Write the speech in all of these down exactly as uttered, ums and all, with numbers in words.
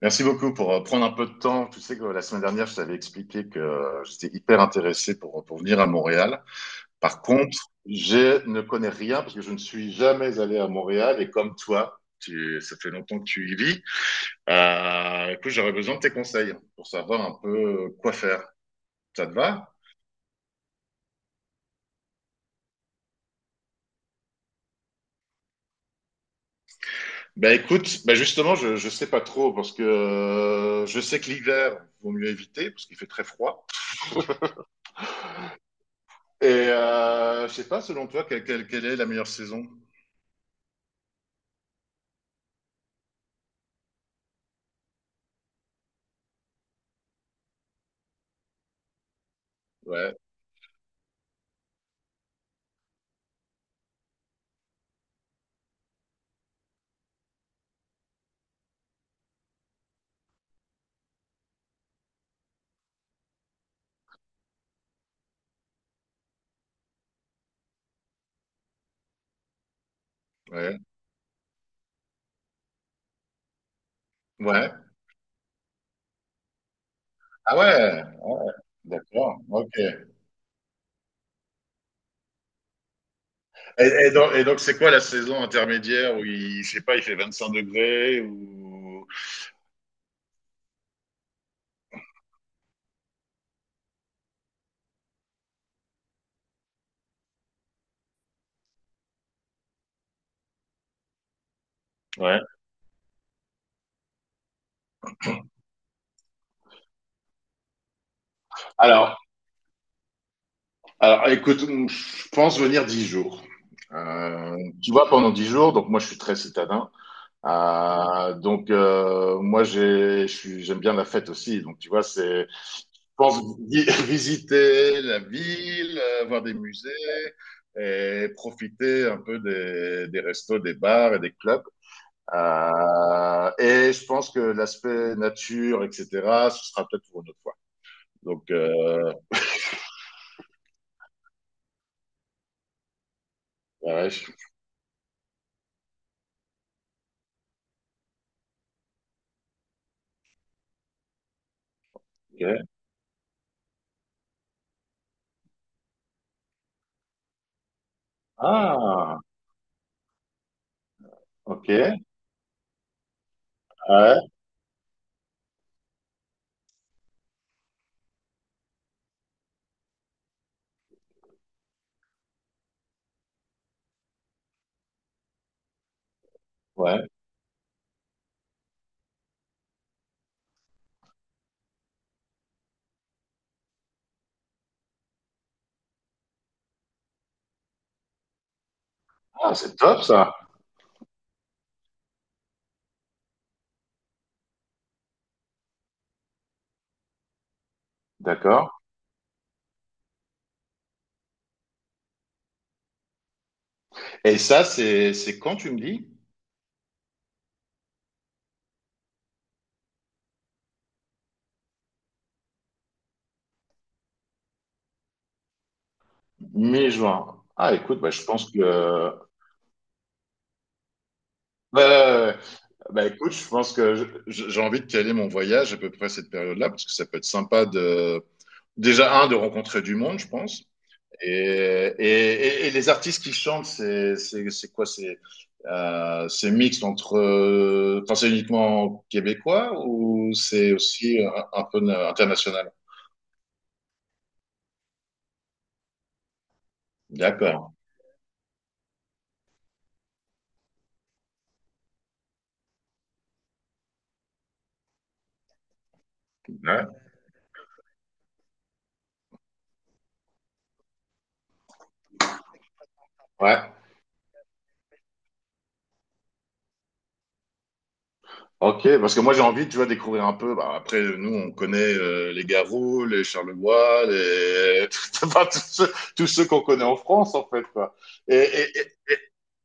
Merci beaucoup pour euh, prendre un peu de temps. Tu sais que la semaine dernière, je t'avais expliqué que euh, j'étais hyper intéressé pour, pour venir à Montréal. Par contre, je ne connais rien parce que je ne suis jamais allé à Montréal et comme toi, tu, ça fait longtemps que tu y vis. Euh, écoute, j'aurais besoin de tes conseils pour savoir un peu quoi faire. Ça te va? Ben écoute, ben justement, je je sais pas trop parce que euh, je sais que l'hiver, vaut mieux éviter parce qu'il fait très froid. Et euh, je sais pas, selon toi, quelle, quelle, quelle est la meilleure saison? Ouais. Ouais. Ouais. Ah ouais, ah ouais. D'accord, ok. Et, et donc, et donc, c'est quoi la saison intermédiaire où il, je sais pas, il fait vingt-cinq degrés ou... Ouais. Alors, alors, écoute, hum, je pense venir dix jours. Euh, tu vois, pendant dix jours, donc moi je suis très citadin. Euh, donc euh, moi j'ai, je suis- j'aime bien la fête aussi. Donc tu vois, c'est, je pense vi- visiter la ville, euh, voir des musées et profiter un peu des, des restos, des bars et des clubs. Euh, et je pense que l'aspect nature, et cetera, ce sera peut-être pour une autre fois. Donc, euh, ouais, ouais, je- ok. Ah, ok. Ouais, ouais. Ah, c'est top ça. D'accord. Et ça, c'est, c'est quand tu me dis? Mi-juin. Ah, écoute, bah, je pense que. Ouais, ouais, ouais. Ouais. Bah, écoute, je pense que je- je- j'ai envie de caler mon voyage à peu près à cette période-là, parce que ça peut être sympa de. Déjà, un, de rencontrer du monde, je pense. Et, et, et- Et les artistes qui chantent, c'est c'est- c'est quoi? C'est euh, c'est mixte entre. euh, Enfin, c'est uniquement québécois ou c'est aussi un, un peu na- international? D'accord. Ouais. Ouais. Ok, parce que moi j'ai envie, tu vois, de découvrir un peu. Bah, après, nous, on connaît euh, les Garous, les Charlevoix, les... enfin, tous ceux, tous ceux qu'on connaît en France, en fait, quoi. Et, et,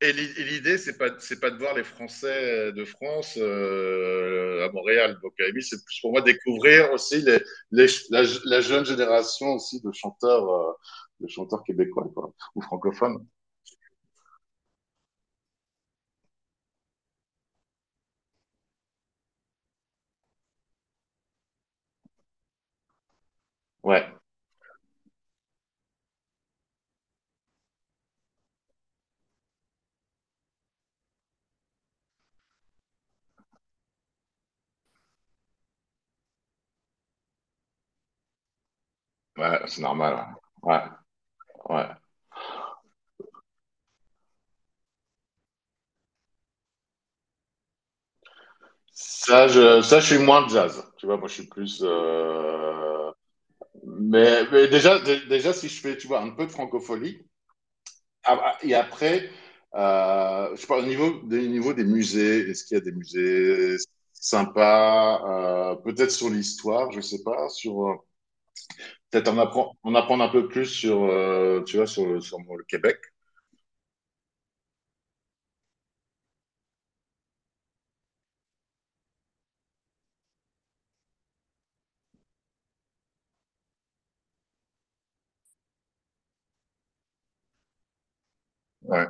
Et l'idée, c'est pas, c'est pas de voir les Français euh, de France euh, à Montréal. Donc, à c'est plus pour moi découvrir aussi les, les, la, la jeune génération aussi de chanteurs, euh, de chanteurs québécois, quoi, ou francophones. Ouais, ouais, c'est normal. Ouais, ouais. Ouais. Ça, je, ça, je suis moins jazz. Tu vois, moi, je suis plus. euh, Mais, mais déjà, dé- déjà, si je fais, tu vois, un peu de francophonie, ah, ah, et après, euh, je parle au niveau des, niveau des musées. Est-ce qu'il y a des musées sympas, euh, peut-être sur l'histoire, je sais pas, sur euh, peut-être on apprend on apprend un peu plus sur, euh, tu vois, sur, le- sur le Québec. Ouais.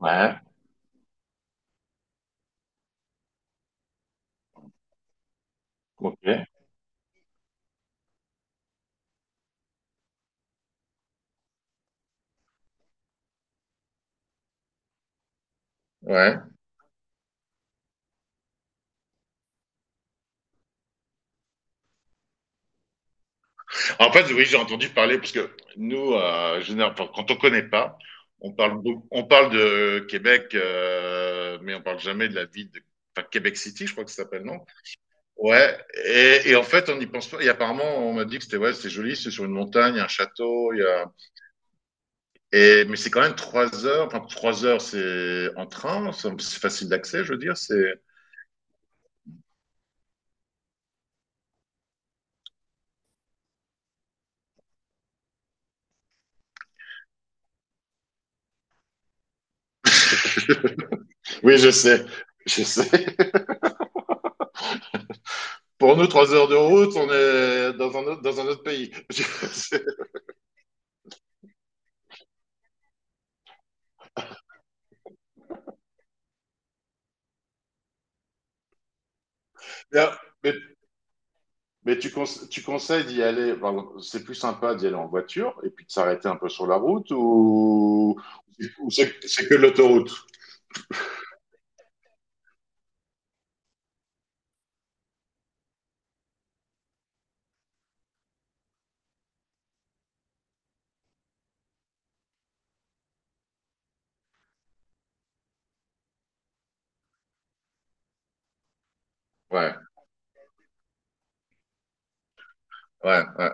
Ouais. Ok. Ouais. En fait, oui, j'ai entendu parler parce que nous, euh, général- enfin, quand on connaît pas, on parle, beau- on parle de Québec, euh, mais on parle jamais de la ville de enfin, Québec City, je crois que ça s'appelle, non? Ouais, et, et en fait, on n'y pense pas. Et apparemment, on m'a dit que c'était ouais, c'est joli, c'est sur une montagne, il y a un château, il y a. Et mais c'est quand même trois heures. Enfin, trois heures, c'est en train, ça- c'est facile d'accès, je veux dire. C'est. Oui, je sais, je sais. Pour nous, trois heures de route, on est dans un autre, dans un autre pays. Je sais. Non, Mais, mais tu, conse- tu conseilles d'y aller. Pardon, c'est plus sympa d'y aller en voiture et puis de s'arrêter un peu sur la route ou, ou c'est ou c'est- c'est que l'autoroute? Ouais, ouais, ouais.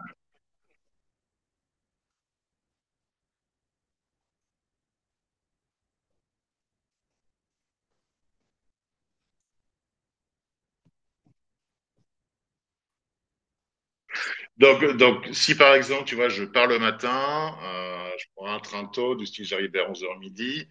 Donc, donc, si par exemple, tu vois, je pars le matin, euh, je prends un train tôt, du style j'arrive vers onze heures midi,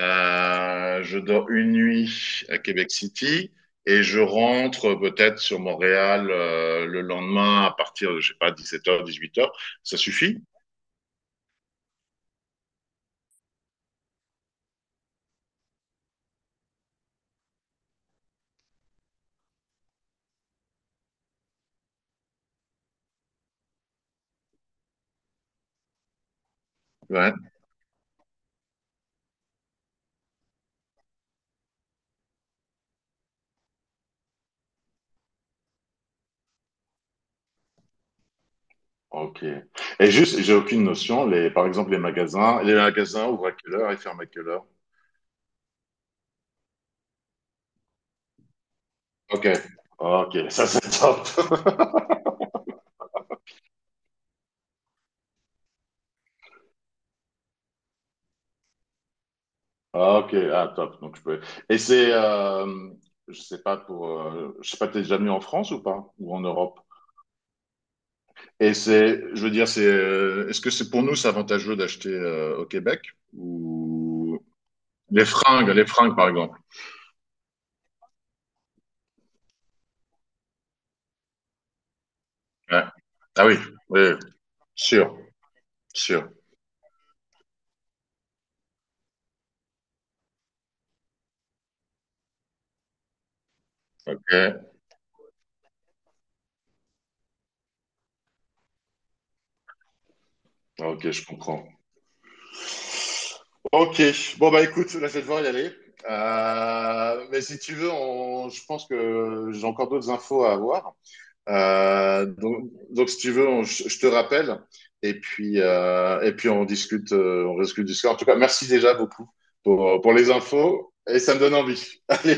euh, je dors une nuit à Québec City et je rentre euh, peut-être sur Montréal euh, le lendemain à partir de, je sais pas, dix-sept heures, dix-huit heures. Ça suffit? Ouais. Ok. Et juste, j'ai aucune notion, les, par exemple, les magasins, les magasins ouvrent à quelle heure et ferment à quelle heure? Ok. Ok, ça c'est top. Ah, ok, ah, top. Donc, je peux... Et c'est, euh, je sais pas pour, euh, je sais pas, t'es déjà venu en France ou pas? Ou en Europe? Et c'est, je veux dire, c'est, euh, est-ce que c'est pour nous, c'est avantageux d'acheter euh, au Québec? Ou les fringues, les fringues, par exemple. Ouais. Ah oui, oui, oui. Sûr, sûr. Ok, ok, je comprends. Ok, bon bah écoute, là je vais devoir y aller. Euh, mais si tu veux, on- je pense que j'ai encore d'autres infos à avoir. Euh, donc, donc, si tu veux, on- je je te rappelle et puis, euh, et puis on discute, euh, on discute du score. En tout cas, merci déjà beaucoup pour, pour les infos et ça me donne envie. Allez,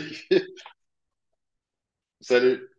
salut.